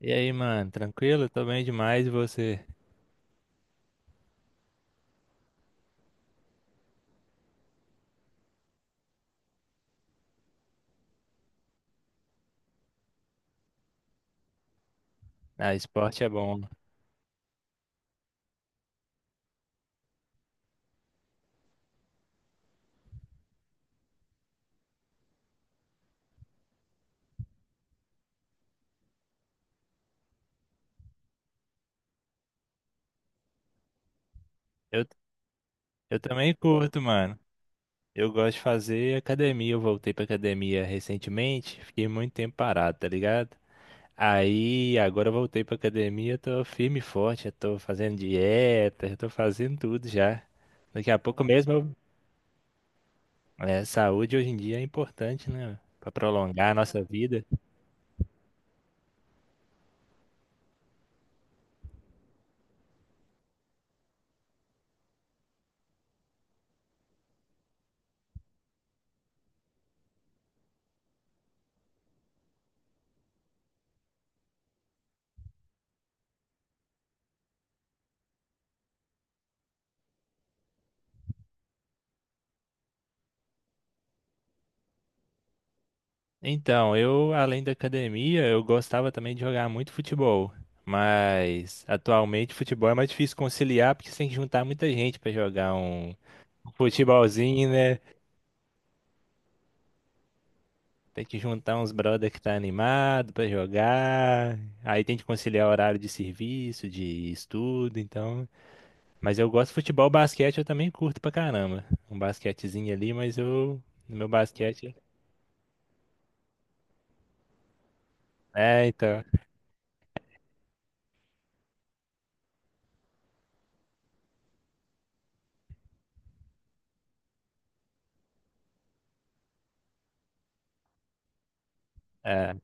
E aí, mano, tranquilo? Tô bem demais e você? Ah, esporte é bom. Eu, eu também curto, mano. Eu gosto de fazer academia. Eu voltei pra academia recentemente, fiquei muito tempo parado, tá ligado? Aí, agora eu voltei pra academia, tô firme e forte, eu tô fazendo dieta, eu tô fazendo tudo já. Daqui a pouco mesmo, é, saúde hoje em dia é importante, né? Pra prolongar a nossa vida. Então, além da academia, eu gostava também de jogar muito futebol. Mas atualmente futebol é mais difícil conciliar porque você tem que juntar muita gente pra jogar um futebolzinho, né? Tem que juntar uns brother que tá animado pra jogar. Aí tem que conciliar horário de serviço, de estudo, então. Mas eu gosto de futebol, basquete eu também curto pra caramba. Um basquetezinho ali, mas eu no meu basquete. É, então. É.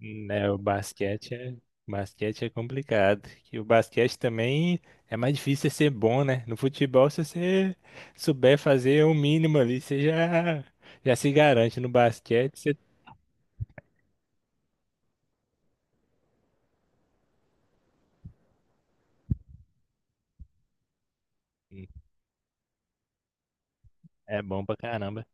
Né, o basquete é complicado. E o basquete também é mais difícil você ser bom, né? No futebol, se você souber fazer o mínimo ali, você já se garante. No basquete, você é bom pra caramba,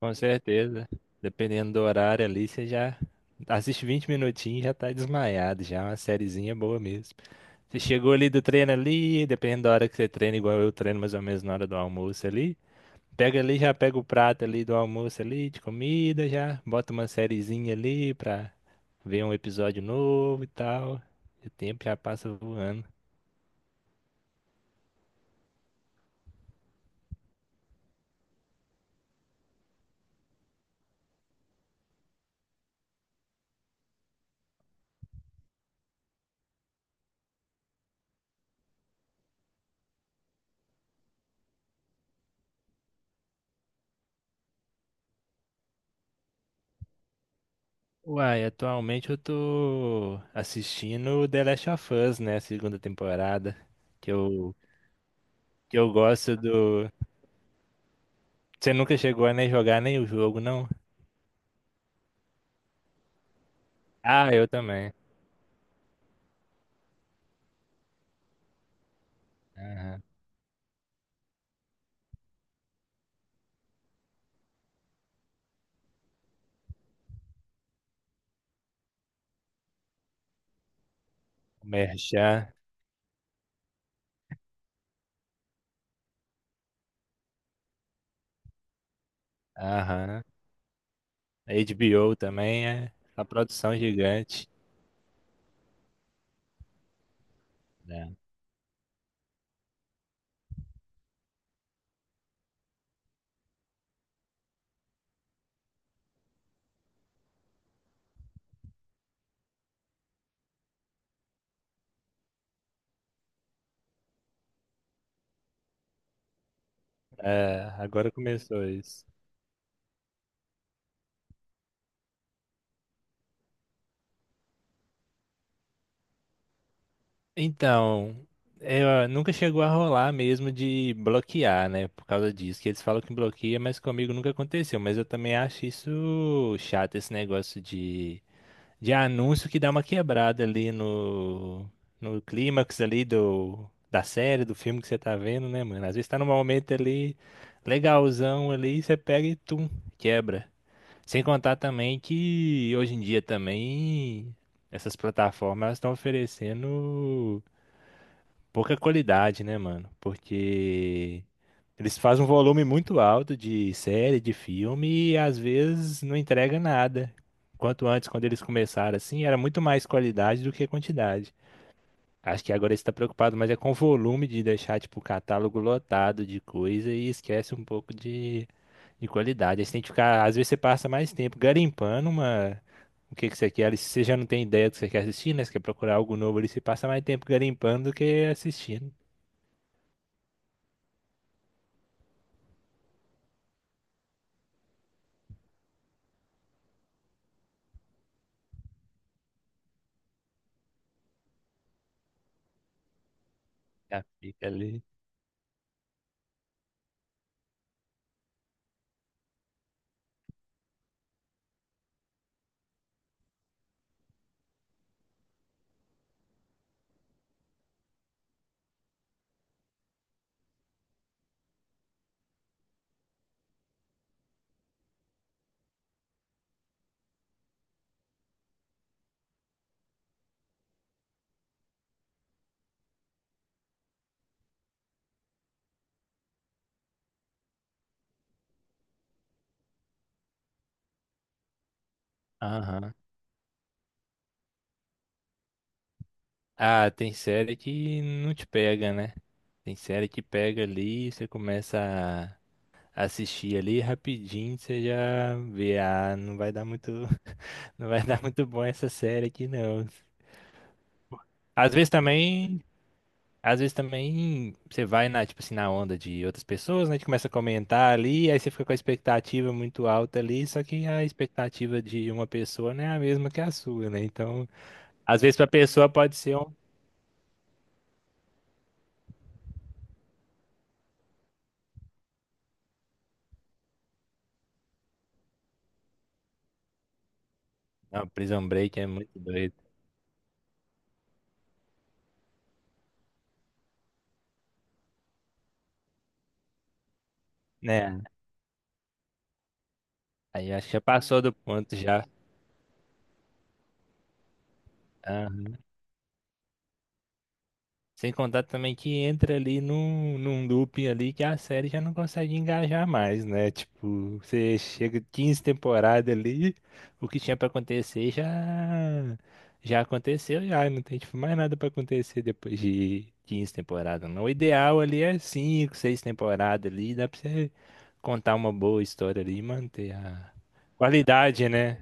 com certeza. Dependendo do horário ali, você já assiste 20 minutinhos e já tá desmaiado, já é uma sériezinha boa mesmo. Você chegou ali do treino ali, dependendo da hora que você treina, igual eu treino mais ou menos na hora do almoço ali. Pega ali, já pega o prato ali do almoço ali, de comida, já bota uma sériezinha ali pra ver um episódio novo e tal. E o tempo já passa voando. Uai, atualmente eu tô assistindo The Last of Us, né? A segunda temporada. Que eu, que eu gosto do. Você nunca chegou a nem jogar nem o jogo, não? Ah, eu também. Merchan. Aham. A HBO também é uma produção gigante. Né? É, agora começou isso. Então, nunca chegou a rolar mesmo de bloquear, né? Por causa disso, que eles falam que bloqueia, mas comigo nunca aconteceu. Mas eu também acho isso chato, esse negócio de anúncio que dá uma quebrada ali no clímax ali da série, do filme que você tá vendo, né, mano? Às vezes tá num momento ali legalzão ali, você pega e tum, quebra. Sem contar também que hoje em dia também essas plataformas estão oferecendo pouca qualidade, né, mano? Porque eles fazem um volume muito alto de série, de filme e às vezes não entrega nada. Quanto antes, quando eles começaram assim, era muito mais qualidade do que quantidade. Acho que agora eles estão preocupados mais é com o volume de deixar tipo o catálogo lotado de coisa e esquece um pouco de qualidade. Aí você tem que ficar, às vezes você passa mais tempo garimpando uma o que que você quer, ali, se você já não tem ideia do que você quer assistir, né? Você quer procurar algo novo ali, você passa mais tempo garimpando do que assistindo. Já fica ali. Aham. Ah, tem série que não te pega, né? Tem série que pega ali, você começa a assistir ali rapidinho, você já vê, ah, não vai dar muito, não vai dar muito bom essa série aqui não. Às vezes também, às vezes também você vai na, tipo assim, na onda de outras pessoas, né? Que começa a comentar ali, aí você fica com a expectativa muito alta ali, só que a expectativa de uma pessoa não é a mesma que a sua, né? Então, às vezes pra pessoa pode ser um. Não, Prison Break é muito doido. Né? Aí acho que já passou do ponto já. Ah, sem contar também que entra ali num looping ali que a série já não consegue engajar mais, né? Tipo, você chega 15 temporadas ali, o que tinha pra acontecer já aconteceu, já não tem tipo, mais nada pra acontecer depois de 15 temporadas. Não. O ideal ali é 5, 6 temporadas ali, dá pra você contar uma boa história ali e manter a qualidade, né?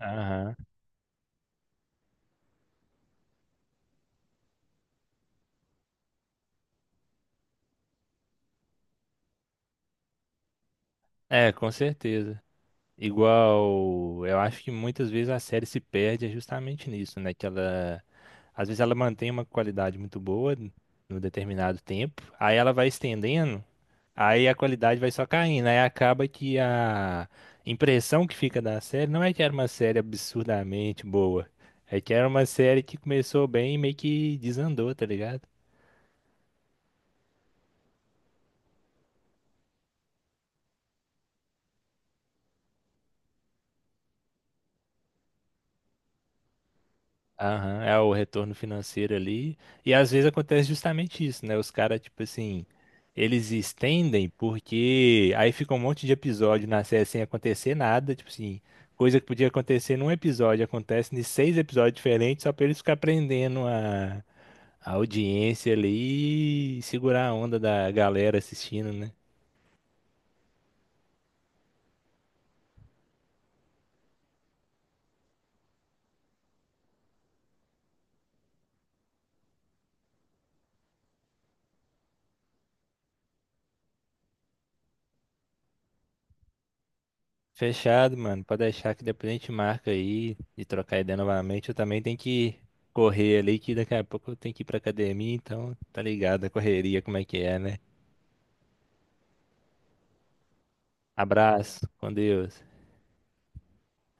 Aham. É, com certeza. Igual, eu acho que muitas vezes a série se perde é justamente nisso, né? Que ela, às vezes ela mantém uma qualidade muito boa no determinado tempo, aí ela vai estendendo, aí a qualidade vai só caindo, aí acaba que a impressão que fica da série não é que era uma série absurdamente boa, é que era uma série que começou bem e meio que desandou, tá ligado? Aham, é o retorno financeiro ali. E às vezes acontece justamente isso, né? Os caras, tipo assim, eles estendem porque aí fica um monte de episódio na série sem acontecer nada, tipo assim, coisa que podia acontecer num episódio, acontece em seis episódios diferentes, só pra eles ficar prendendo a audiência ali e segurar a onda da galera assistindo, né. Fechado, mano. Pode deixar que depois a gente marca aí e trocar ideia novamente. Eu também tenho que correr ali, que daqui a pouco eu tenho que ir pra academia, então tá ligado a correria, como é que é, né? Abraço, com Deus.